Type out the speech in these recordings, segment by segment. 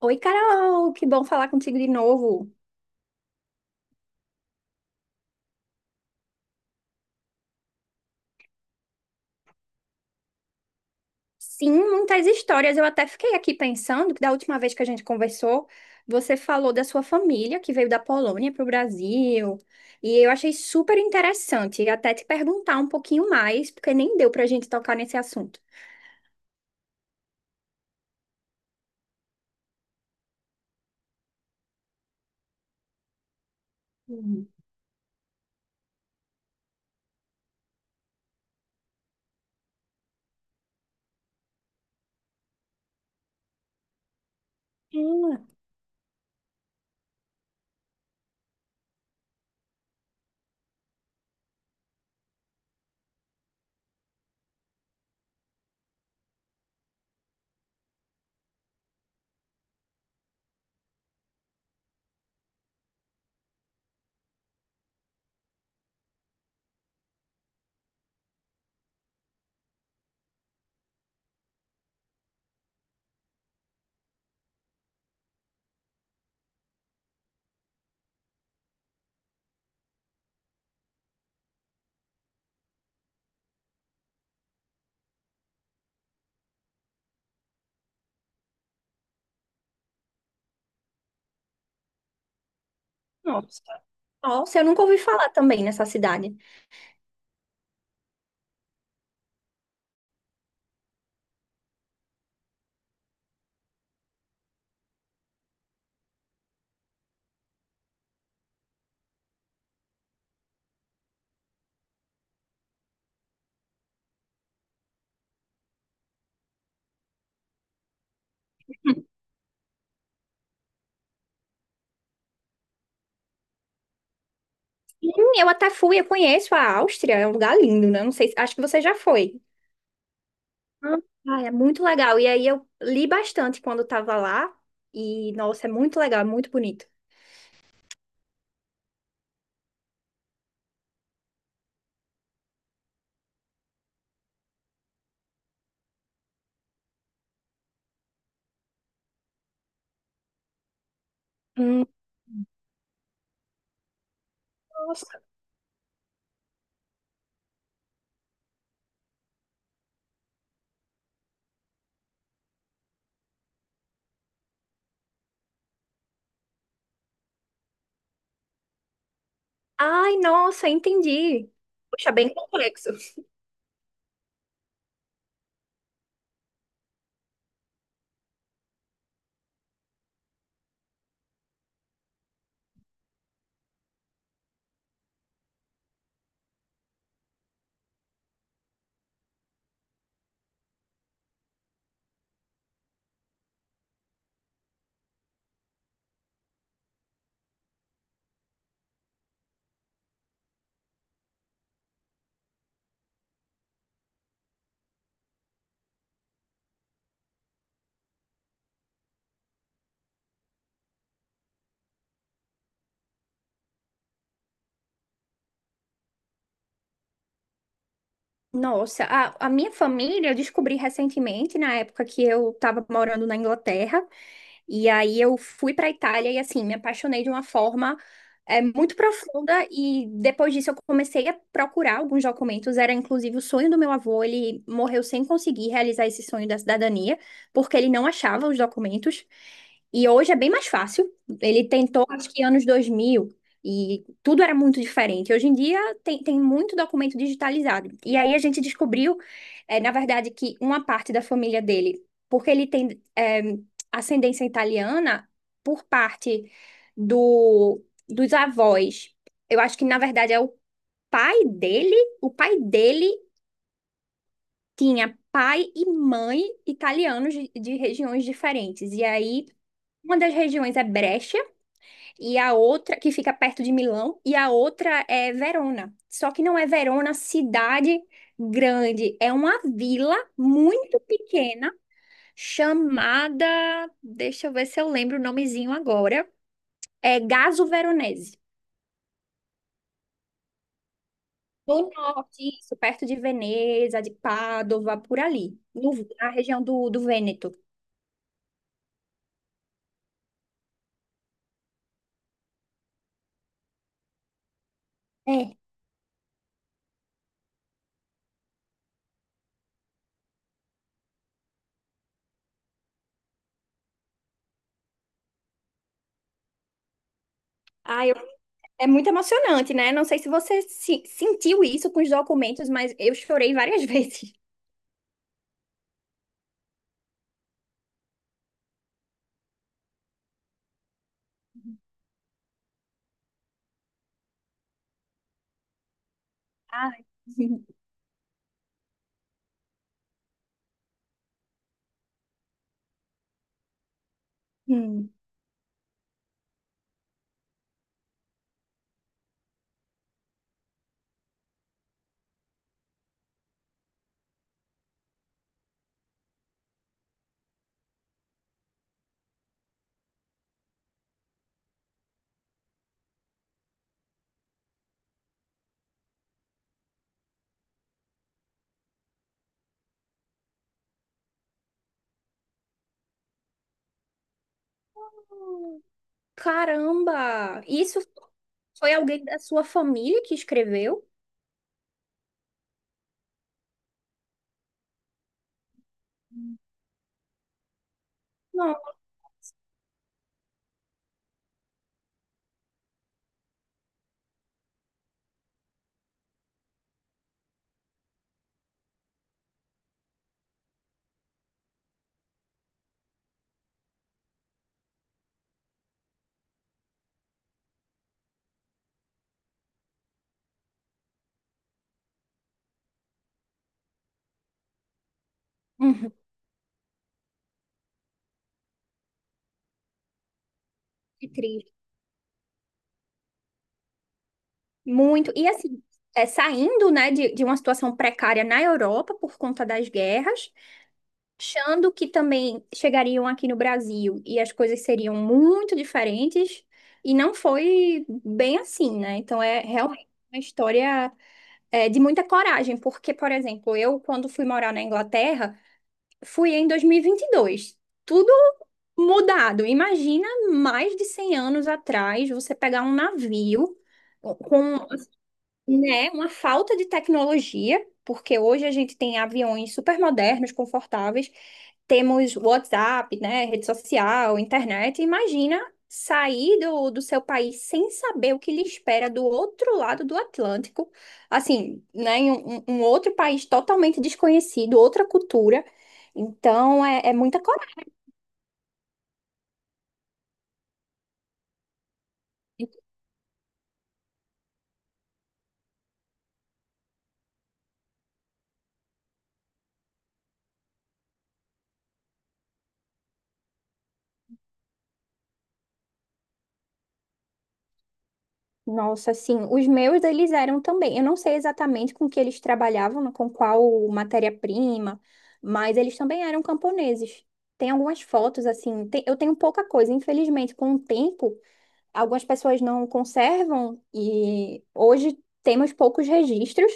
Oi, Carol, que bom falar contigo de novo. Sim, muitas histórias. Eu até fiquei aqui pensando que da última vez que a gente conversou, você falou da sua família que veio da Polônia para o Brasil. E eu achei super interessante até te perguntar um pouquinho mais, porque nem deu para a gente tocar nesse assunto. Hum. Hum. Nossa. Nossa, eu nunca ouvi falar também nessa cidade. Sim, eu até fui, eu conheço a Áustria, é um lugar lindo, né? Não sei, acho que você já foi. Ah, é muito legal. E aí eu li bastante quando estava lá. E, nossa, é muito legal, é muito bonito. Hum. Nossa. Ai, nossa, entendi. Puxa, bem complexo. Nossa, a minha família, eu descobri recentemente, na época que eu estava morando na Inglaterra, e aí eu fui para a Itália e assim, me apaixonei de uma forma muito profunda, e depois disso eu comecei a procurar alguns documentos, era inclusive o sonho do meu avô, ele morreu sem conseguir realizar esse sonho da cidadania, porque ele não achava os documentos, e hoje é bem mais fácil, ele tentou acho que anos 2000 e tudo era muito diferente, hoje em dia tem muito documento digitalizado. E aí a gente descobriu, na verdade, que uma parte da família dele, porque ele tem ascendência italiana por parte do, dos avós. Eu acho que, na verdade, é o pai dele. O pai dele tinha pai e mãe italianos de regiões diferentes. E aí, uma das regiões é Brecha e a outra que fica perto de Milão e a outra é Verona. Só que não é Verona cidade grande, é uma vila muito pequena chamada, deixa eu ver se eu lembro o nomezinho agora, é Gaso Veronese. No norte, isso, perto de Veneza, de Pádua, por ali, na região do Vêneto. É. Ah, eu- É muito emocionante, né? Não sei se você sentiu isso com os documentos, mas eu chorei várias vezes. Ai. Hum. Caramba! Isso foi alguém da sua família que escreveu? Não. Uhum, que triste. Muito. E assim, é, saindo, né, de uma situação precária na Europa por conta das guerras, achando que também chegariam aqui no Brasil e as coisas seriam muito diferentes, e não foi bem assim, né? Então é realmente uma história, é, de muita coragem, porque, por exemplo, eu, quando fui morar na Inglaterra, fui em dois mil e vinte e dois. Tudo mudado. Imagina mais de 100 anos atrás você pegar um navio com né? Uma falta de tecnologia, porque hoje a gente tem aviões super modernos, confortáveis, temos WhatsApp, né? Rede social, internet. Imagina sair do seu país sem saber o que lhe espera do outro lado do Atlântico, assim, né? Em um, um outro país totalmente desconhecido, outra cultura. Então, é, é muita coragem. Nossa, assim, os meus eles eram também. Eu não sei exatamente com que eles trabalhavam, né, com qual matéria-prima, mas eles também eram camponeses. Tem algumas fotos, assim, eu tenho pouca coisa, infelizmente, com o tempo, algumas pessoas não conservam e hoje temos poucos registros,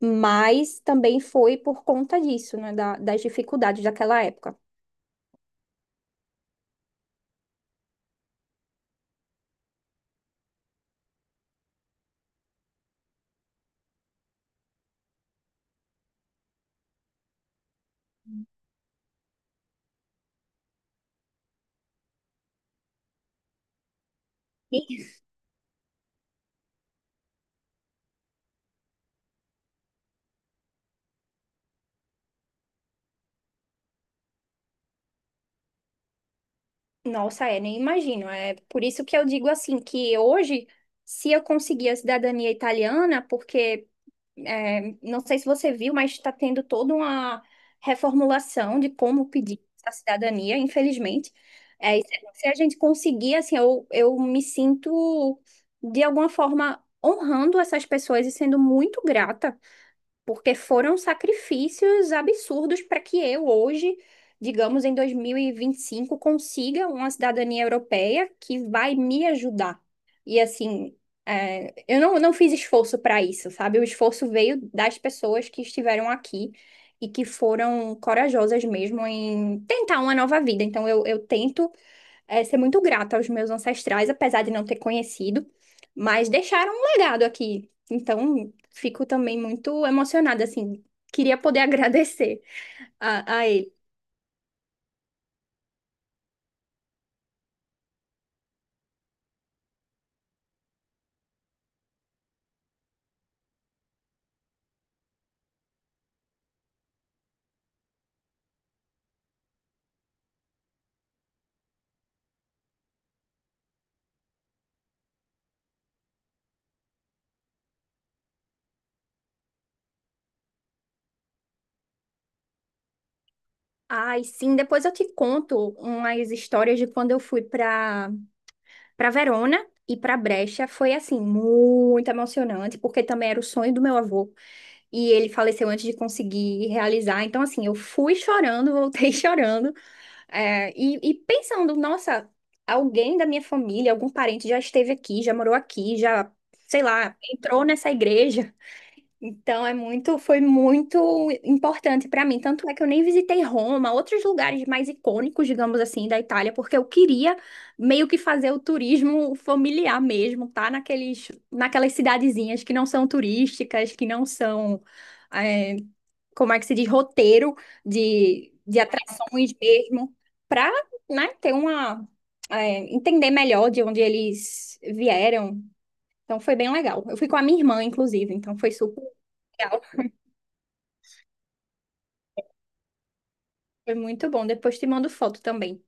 mas também foi por conta disso, né, das dificuldades daquela época. Nossa, é, nem imagino. É por isso que eu digo assim, que hoje, se eu conseguir a cidadania italiana, porque é, não sei se você viu, mas está tendo toda uma reformulação de como pedir a cidadania, infelizmente. É, e se a gente conseguir, assim, eu me sinto, de alguma forma, honrando essas pessoas e sendo muito grata porque foram sacrifícios absurdos para que eu hoje, digamos, em dois mil e vinte e cinco consiga uma cidadania europeia que vai me ajudar. E assim, é, eu não fiz esforço para isso, sabe? O esforço veio das pessoas que estiveram aqui e que foram corajosas mesmo em tentar uma nova vida. Então, eu tento é, ser muito grata aos meus ancestrais, apesar de não ter conhecido, mas deixaram um legado aqui. Então, fico também muito emocionada, assim. Queria poder agradecer a ele. Ai, sim, depois eu te conto umas histórias de quando eu fui para para Verona e para Brecha. Foi, assim, muito emocionante, porque também era o sonho do meu avô e ele faleceu antes de conseguir realizar. Então, assim, eu fui chorando, voltei chorando. E pensando, nossa, alguém da minha família, algum parente já esteve aqui, já morou aqui, já, sei lá, entrou nessa igreja. Então é muito, foi muito importante para mim. Tanto é que eu nem visitei Roma, outros lugares mais icônicos, digamos assim, da Itália, porque eu queria meio que fazer o turismo familiar mesmo, tá? Naqueles, naquelas cidadezinhas que não são turísticas, que não são é, como é que se diz, roteiro de atrações mesmo, para, né, ter uma, é, entender melhor de onde eles vieram. Então foi bem legal. Eu fui com a minha irmã, inclusive, então foi super legal. Foi muito bom. Depois te mando foto também.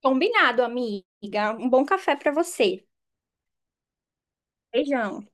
Combinado, amiga. Um bom café para você. Beijão.